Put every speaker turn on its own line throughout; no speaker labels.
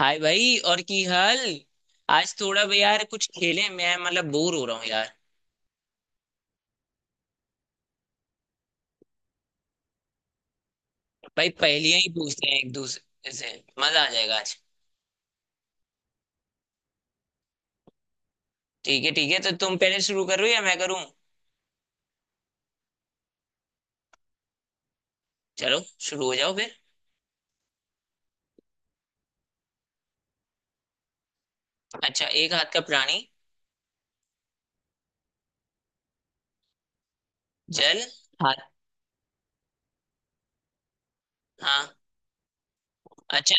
हाय भाई, और की हाल। आज थोड़ा भाई यार कुछ खेलें, मैं मतलब बोर हो रहा हूँ यार। भाई पहेलियां ही पूछते हैं एक दूसरे से। मजा आ जाएगा आज। ठीक है ठीक है, तो तुम पहले शुरू करो या मैं करूँ? चलो, शुरू हो जाओ फिर। अच्छा, एक हाथ का प्राणी। जल। हाथ। हाँ। अच्छा।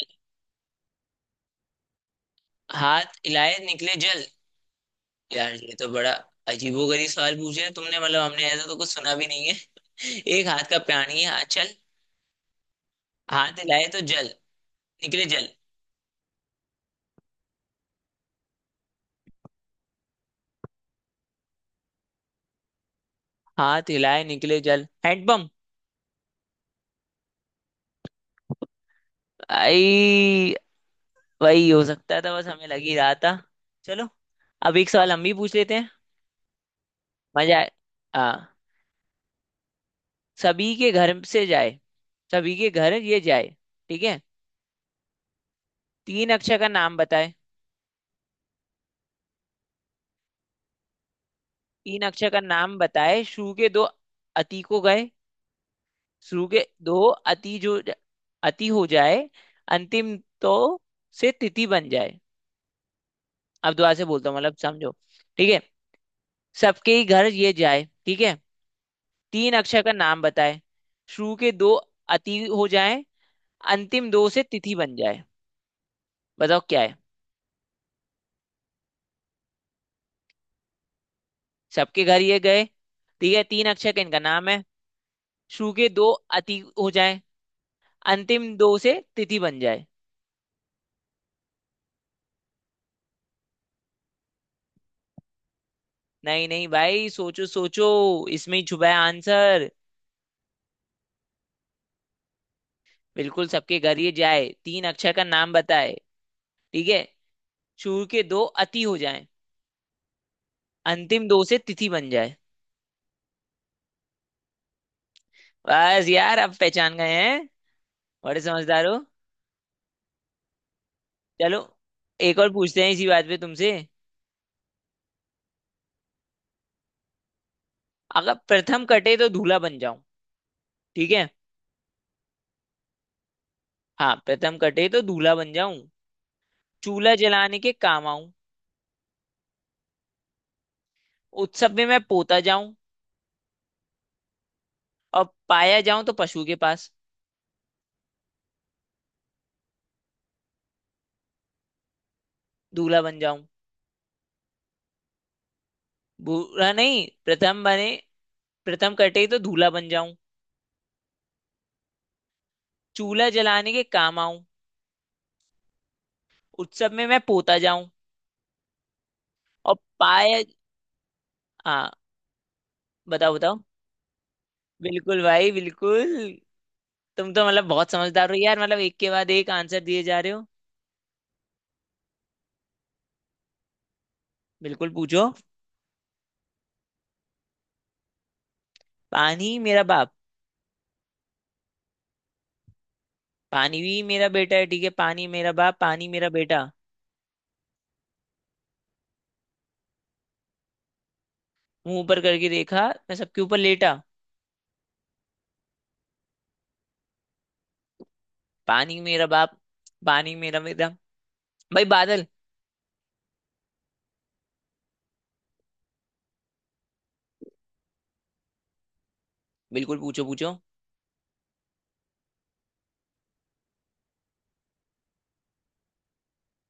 हाथ हिलाए निकले जल। यार, ये तो बड़ा अजीबोगरीब सवाल पूछे है तुमने, मतलब हमने ऐसा तो कुछ सुना भी नहीं है। एक हाथ का प्राणी है, हाँ, चल। हाथ हिलाए तो जल। निकले जल। हाथ हिलाए निकले जल हैंडपंप। आई, वही हो सकता था, बस हमें लग ही रहा था। चलो, अब एक सवाल हम भी पूछ लेते हैं। मजा आए। हाँ। सभी के घर से जाए। सभी के घर ये जाए। ठीक है। तीन अक्षर का नाम बताए। तीन अक्षर का नाम बताए, शुरू के दो अति को गए। शुरू के दो अति जो अति हो जाए, अंतिम तो से तिथि बन जाए। अब दोबारा से बोलता हूँ, मतलब समझो। ठीक है। सबके ही घर ये जाए, ठीक है। तीन अक्षर का नाम बताए। शुरू के दो अति हो जाएं, अंतिम दो से तिथि बन जाए। बताओ क्या है। सबके घर ये गए, ठीक है। तीन अक्षर का इनका नाम है। शुरू के दो अति हो जाएं, अंतिम दो से तिथि बन जाए। नहीं नहीं भाई, सोचो सोचो। इसमें ही छुपा है आंसर। बिल्कुल, सबके घर ये जाए, तीन अक्षर का नाम बताए। ठीक है। शुरू के दो अति हो जाएं, अंतिम दो से तिथि बन जाए। बस यार, अब पहचान गए हैं। बड़े समझदार हो। चलो, एक और पूछते हैं इसी बात पे तुमसे। अगर प्रथम कटे तो दूल्हा बन जाऊं, ठीक है। हाँ, प्रथम कटे तो दूल्हा बन जाऊं, चूल्हा जलाने के काम आऊं, उत्सव में मैं पोता जाऊं, और पाया जाऊं तो पशु के पास। दूल्हा बन जाऊं। बुरा नहीं प्रथम बने। प्रथम कटे तो दूल्हा बन जाऊं। चूल्हा जलाने के काम आऊं। उत्सव में मैं पोता जाऊं। और पाया। हाँ, बताओ बताओ। बिल्कुल भाई बिल्कुल। तुम तो मतलब बहुत समझदार हो यार, मतलब एक के बाद एक आंसर दिए जा रहे हो। बिल्कुल पूछो। पानी मेरा बाप। पानी भी मेरा बेटा है, ठीक है। पानी मेरा बाप, पानी मेरा बेटा। मुंह ऊपर करके देखा, मैं सबके ऊपर लेटा। पानी मेरा बाप, पानी मेरा बेटा। भाई बादल। बिल्कुल पूछो पूछो।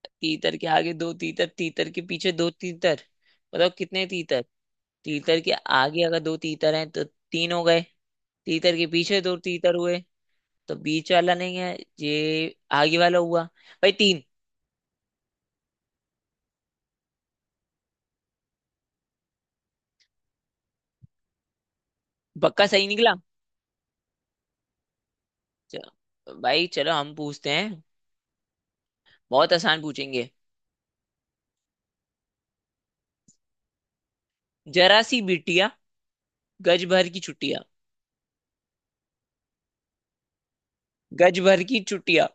तीतर के आगे दो तीतर, तीतर के पीछे दो तीतर, बताओ कितने तीतर। तीतर के आगे अगर दो तीतर हैं तो तीन हो गए। तीतर के पीछे दो तीतर हुए, तो बीच वाला नहीं है, ये आगे वाला हुआ। भाई, तीन। पक्का सही निकला। चलो भाई, चलो हम पूछते हैं। बहुत आसान पूछेंगे। जरा सी बिटिया, गज भर की छुट्टियां। गज भर की छुट्टियां।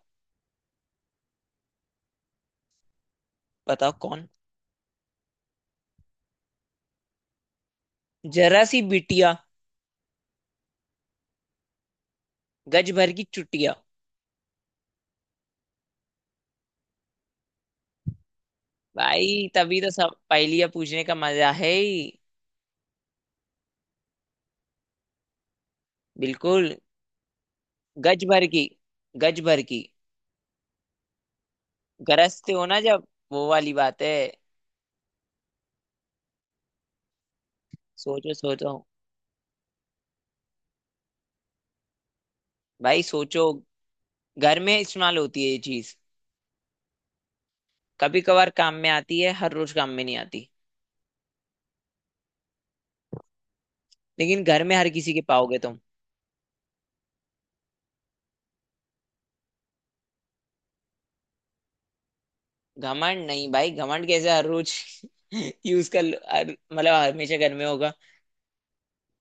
बताओ कौन। जरा सी बिटिया, गज भर की छुट्टियां। भाई, तभी तो सब पहेलियां पूछने का मजा है ही। बिल्कुल। गज भर की, गज भर की। गरजते हो ना, जब वो वाली बात है। सोचो सोचो भाई सोचो। घर में इस्तेमाल होती है ये चीज। कभी कभार काम में आती है, हर रोज काम में नहीं आती। लेकिन घर में हर किसी के पाओगे तुम। घमंड नहीं भाई, घमंड कैसे हर रोज। हर मतलब हमेशा घर में होगा।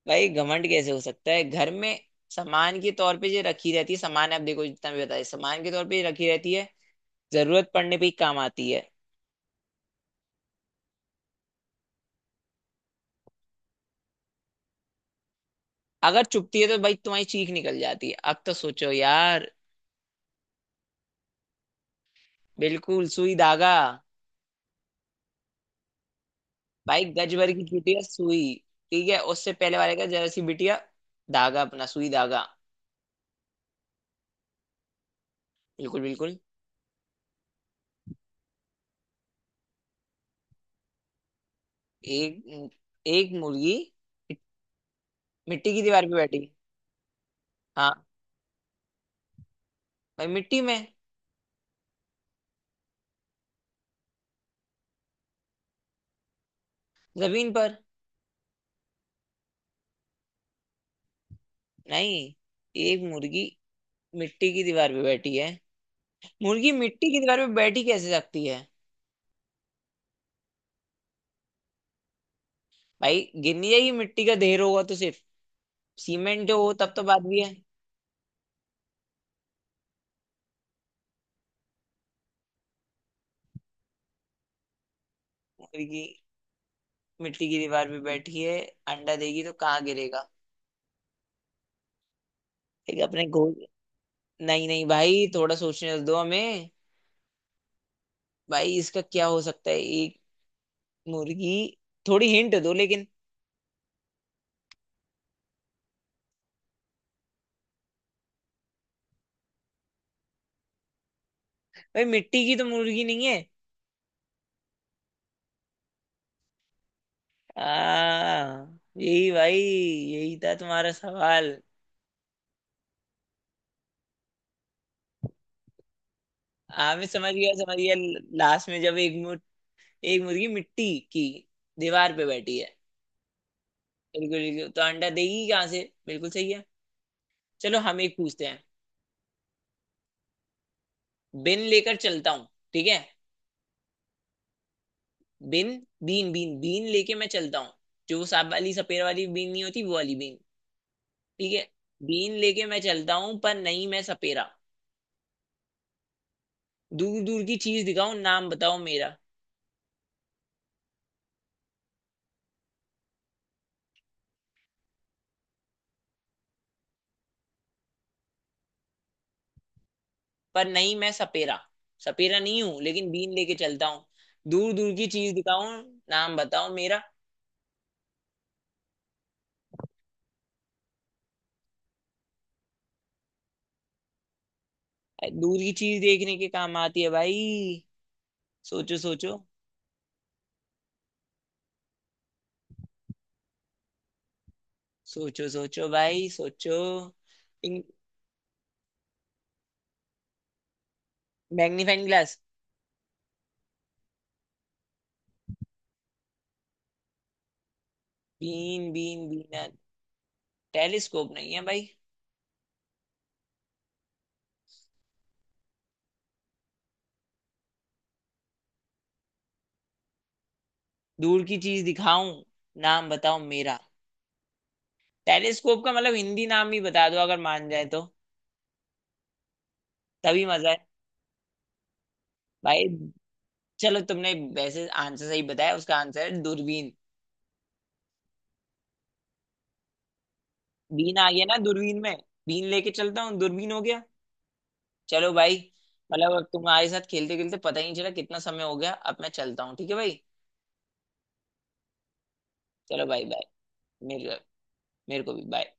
भाई, घमंड कैसे हो सकता है घर में। सामान के तौर पे जो रखी रहती है। सामान आप देखो, जितना भी बताया, सामान के तौर पे ये रखी रहती है। जरूरत पड़ने पे ही काम आती है। अगर चुपती है तो भाई तुम्हारी चीख निकल जाती है। अब तो सोचो यार। बिल्कुल, सुई धागा। भाई, गज भर की बिटिया सुई। ठीक है, उससे पहले वाले का जरा सी बिटिया। धागा, अपना सुई धागा। बिल्कुल बिल्कुल। एक एक मुर्गी मिट्टी की दीवार पे बैठी। हाँ। भाई मिट्टी में। जमीन पर। नहीं। एक मुर्गी मिट्टी की दीवार पे बैठी है। मुर्गी मिट्टी की दीवार पे बैठी कैसे सकती है। भाई, गिनी जाएगी, मिट्टी का ढेर होगा तो सिर्फ। सीमेंट हो तब तो बात भी है। मुर्गी मिट्टी की दीवार पे बैठी है, अंडा देगी तो कहाँ गिरेगा। एक अपने गोल। नहीं नहीं भाई, थोड़ा सोचने दो हमें। भाई, इसका क्या हो सकता है? एक मुर्गी। थोड़ी हिंट दो लेकिन। भाई, मिट्टी की तो मुर्गी नहीं है। हाँ यही भाई, यही था तुम्हारा सवाल। हाँ, मैं समझ गया समझ गया। लास्ट में जब एक मुर्गी मिट्टी की दीवार पे बैठी है। बिल्कुल बिल्कुल, तो अंडा देगी कहाँ से। बिल्कुल सही है। चलो हम एक पूछते हैं। बिन लेकर चलता हूँ, ठीक है। बिन। बीन बीन बीन लेके मैं चलता हूँ। जो वो सांप वाली सपेरा वाली बीन नहीं होती, वो वाली बीन, ठीक है। बीन लेके मैं चलता हूँ, पर नहीं मैं सपेरा, दूर दूर की चीज दिखाऊं, नाम बताओ मेरा। पर नहीं मैं सपेरा, सपेरा नहीं हूँ लेकिन बीन लेके चलता हूँ। दूर दूर की चीज दिखाऊं, नाम बताओ मेरा। दूर की चीज देखने के काम आती है भाई। सोचो सोचो। सोचो सोचो भाई सोचो। Magnifying glass. बीन बीन बीन। टेलीस्कोप नहीं है भाई। दूर की चीज दिखाऊं, नाम बताओ मेरा। टेलीस्कोप का मतलब हिंदी नाम ही बता दो, अगर मान जाए तो। तभी मजा है। भाई चलो, तुमने वैसे आंसर सही बताया। उसका आंसर है दूरबीन। बीन आ गया ना दूरबीन में। बीन लेके चलता हूँ, दूरबीन हो गया। चलो भाई। मतलब अब तुम्हारे साथ खेलते खेलते पता ही नहीं चला कितना समय हो गया। अब मैं चलता हूँ, ठीक है भाई। चलो भाई बाय। मेरे मेरे को भी बाय।